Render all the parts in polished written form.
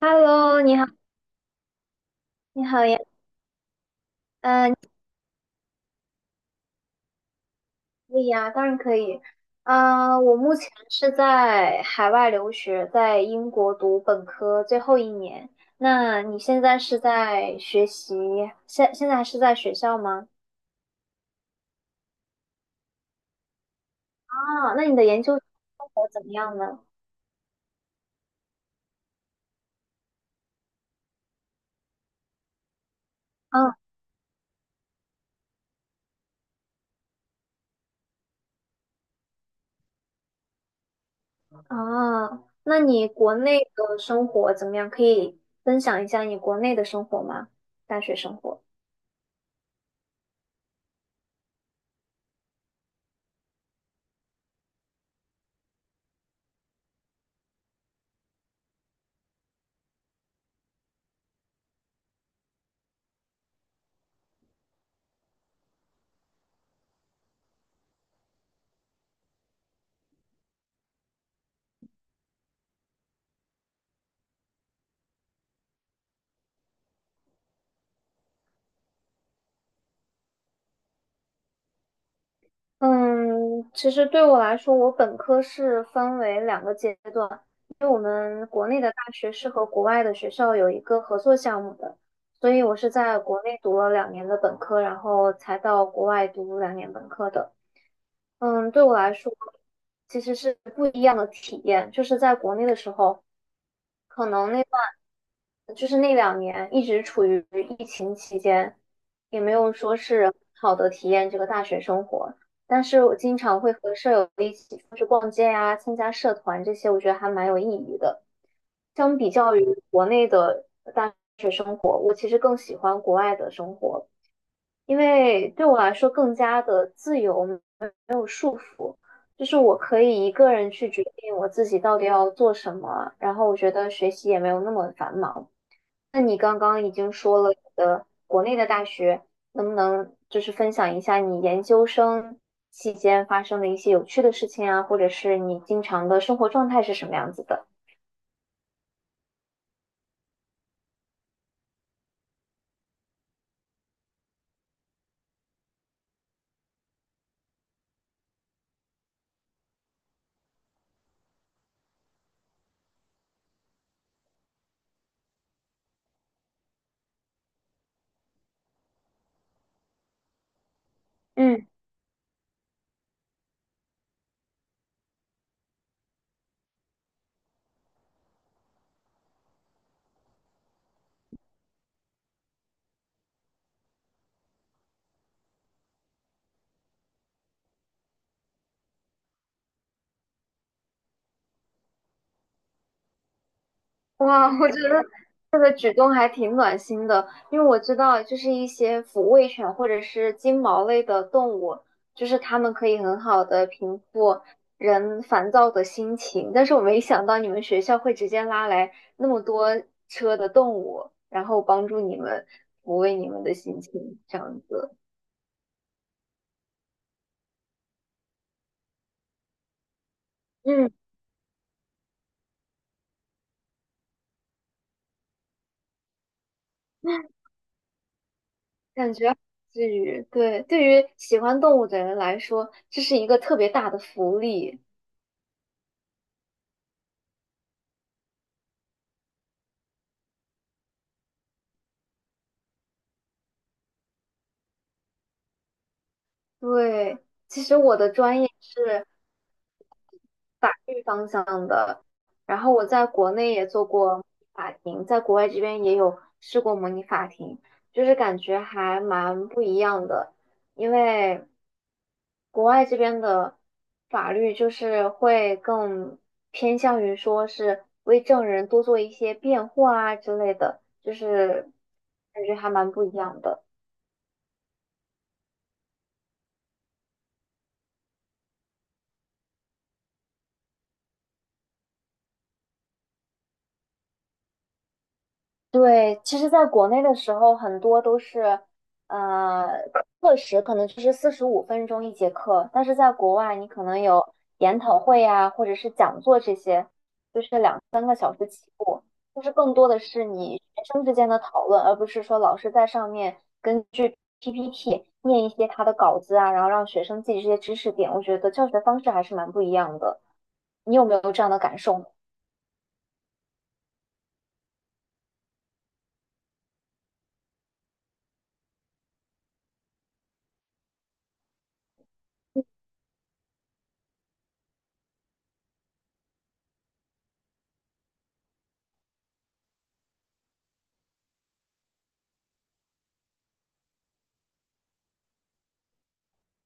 Hello，你好，你好呀，呃，你可以呀，当然可以。我目前是在海外留学，在英国读本科最后一年。那你现在是在学习，现在还是在学校吗？啊，那你的研究生活怎么样呢？嗯。啊，那你国内的生活怎么样？可以分享一下你国内的生活吗？大学生活。嗯，其实对我来说，我本科是分为2个阶段，因为我们国内的大学是和国外的学校有一个合作项目的，所以我是在国内读了两年的本科，然后才到国外读两年本科的。嗯，对我来说，其实是不一样的体验，就是在国内的时候，可能那。就是那两年一直处于疫情期间，也没有说是很好的体验这个大学生活。但是我经常会和舍友一起出去逛街呀、参加社团这些，我觉得还蛮有意义的。相比较于国内的生活，我其实更喜欢国外的生活，因为对我来说更加的自由，没有束缚，就是我可以一个人去决定我自己到底要做什么，然后我觉得学习也没有那么繁忙。那你刚刚已经说了你的国内的大学，能不能就是分享一下你研究生期间发生的一些有趣的事情啊，或者是你经常的生活状态是什么样子的？嗯。哇，我觉得举动还挺暖心的，因为我知道，就是一些抚慰犬或者是金毛类的动物，就是它们可以很好的平复人烦躁的心情。但是我没想到你们学校会直接拉来那么多车的动物，然后帮助你们抚慰你们的心情，这样子。嗯。感觉对，对于喜欢动物的人来说，这是一个特别大的福利。对，其实我的专业是。然后我在国内也做过模拟法庭，在国外这边也有试过模拟法庭，就是感觉还蛮不一样的，因为国外这边的法律就是会更偏向于说是为证人多做一些辩护啊之类的，就是感觉还蛮不一样的。对，其实在国内的时候，很多都是，呃，课时可能就是45分钟一节课，但是在国外，你可能有研讨会啊，或者是讲座这些，就是更多的是你学生之间的讨论，而不是说老师在上面根据 PPT 念一些他的稿子啊，然后让学生记这些知识点。我觉得教学方式还是蛮不一样的，你有没有这样的感受呢？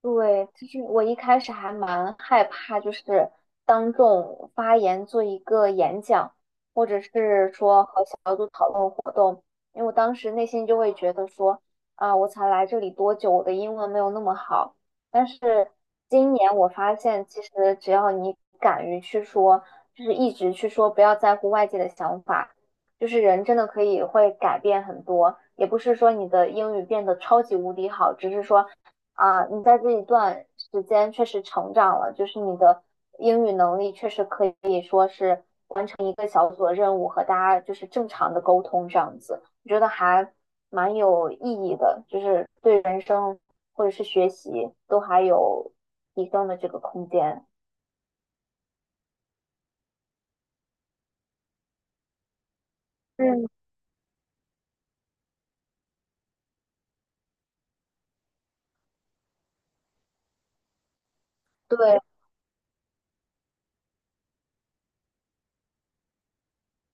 对，其实我一开始还蛮害怕，就是当众发言做一个演讲，或者是说和小组讨论活动，因为我当时内心就会觉得说，啊，我才来这里多久，我的英文没有那么好。但是今年我发现，其实只要你敢于去说，就是一直去说，不要在乎外界的想法，就是人真的可以会改变很多，也不是说你的英语变得超级无敌好，只是说。啊，你在这一段时间确实成长了，就是你的英语能力确实可以说是完成一个小组的任务和大家就是正常的沟通这样子，我觉得还蛮有意义的，就是对人生或者是学习都还有提升的这个空间。嗯，对，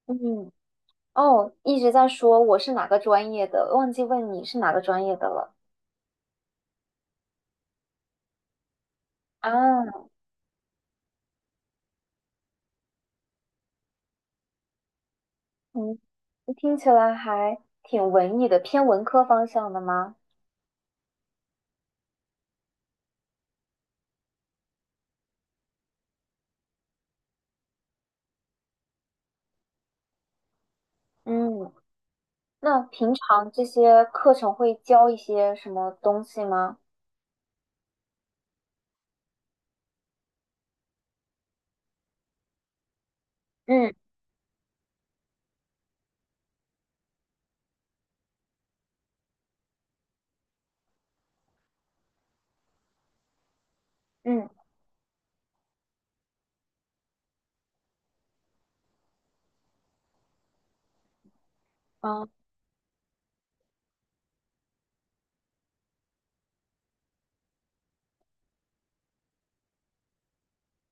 嗯，哦，一直在说我是哪个专业的，忘记问你是哪个专业的了啊。嗯，听起来还挺文艺的，偏文科方向的吗？嗯，那平常这些课程会教一些什么东西吗？嗯。嗯。啊。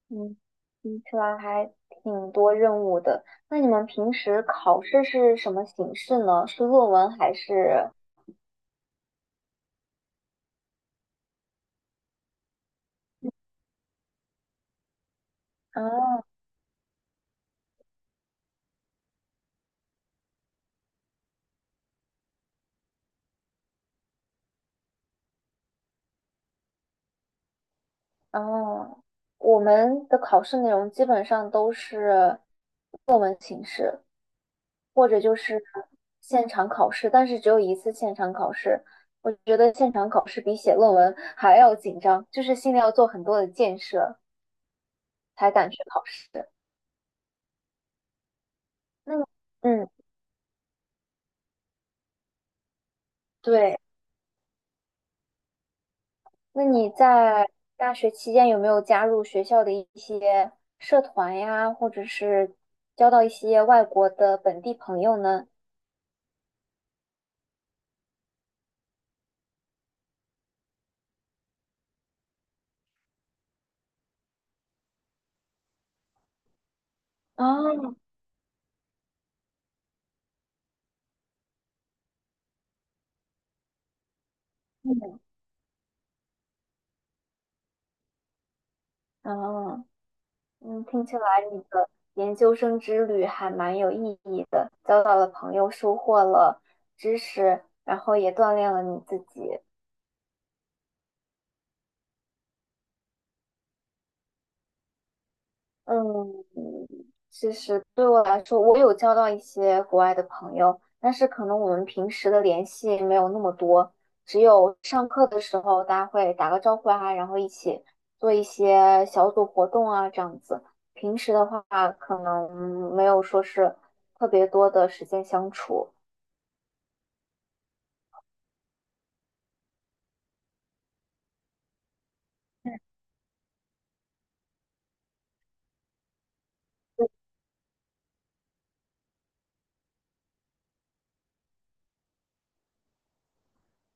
嗯，听起来还挺多任务的。那你们平时考试是什么形式呢？是论文还是？啊。哦，我们的考试内容基本上都是论文形式。或者就是现场考试，但是只有一次现场考试。我觉得现场考试比写论文还要紧张，就是心里要做很多的建设，才敢去考试。那你，嗯，对，那你在大学期间有没有加入学校的一些社团呀，或者是交到一些外国的本地朋友呢？哦。嗯。哦。嗯，听起来你的研究生之旅还蛮有意义的，交到了朋友，收获了知识，然后也锻炼了你自己。嗯，其实对我来说，我有交到一些国外的朋友，但是可能我们平时的联系没有那么多，只有上课的时候大家会打个招呼啊，然后一起做一些小组活动啊，这样子。平时的话，可能没有说是特别多的时间相处。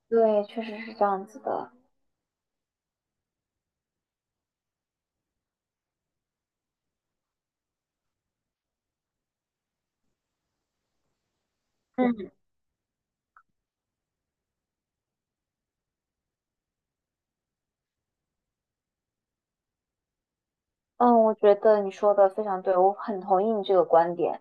对，确实是这样子的。嗯。嗯，我觉得你说的非常对，我很同意你这个观点。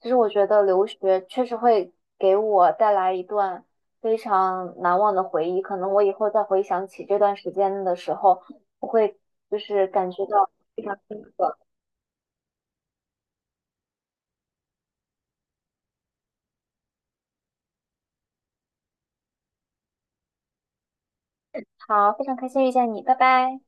其实我觉得留学确实会给我带来一段非常难忘的回忆。可能我以后再回想起这段时间的时候，我会就是感觉到非常深刻。好，非常开心遇见你，拜拜。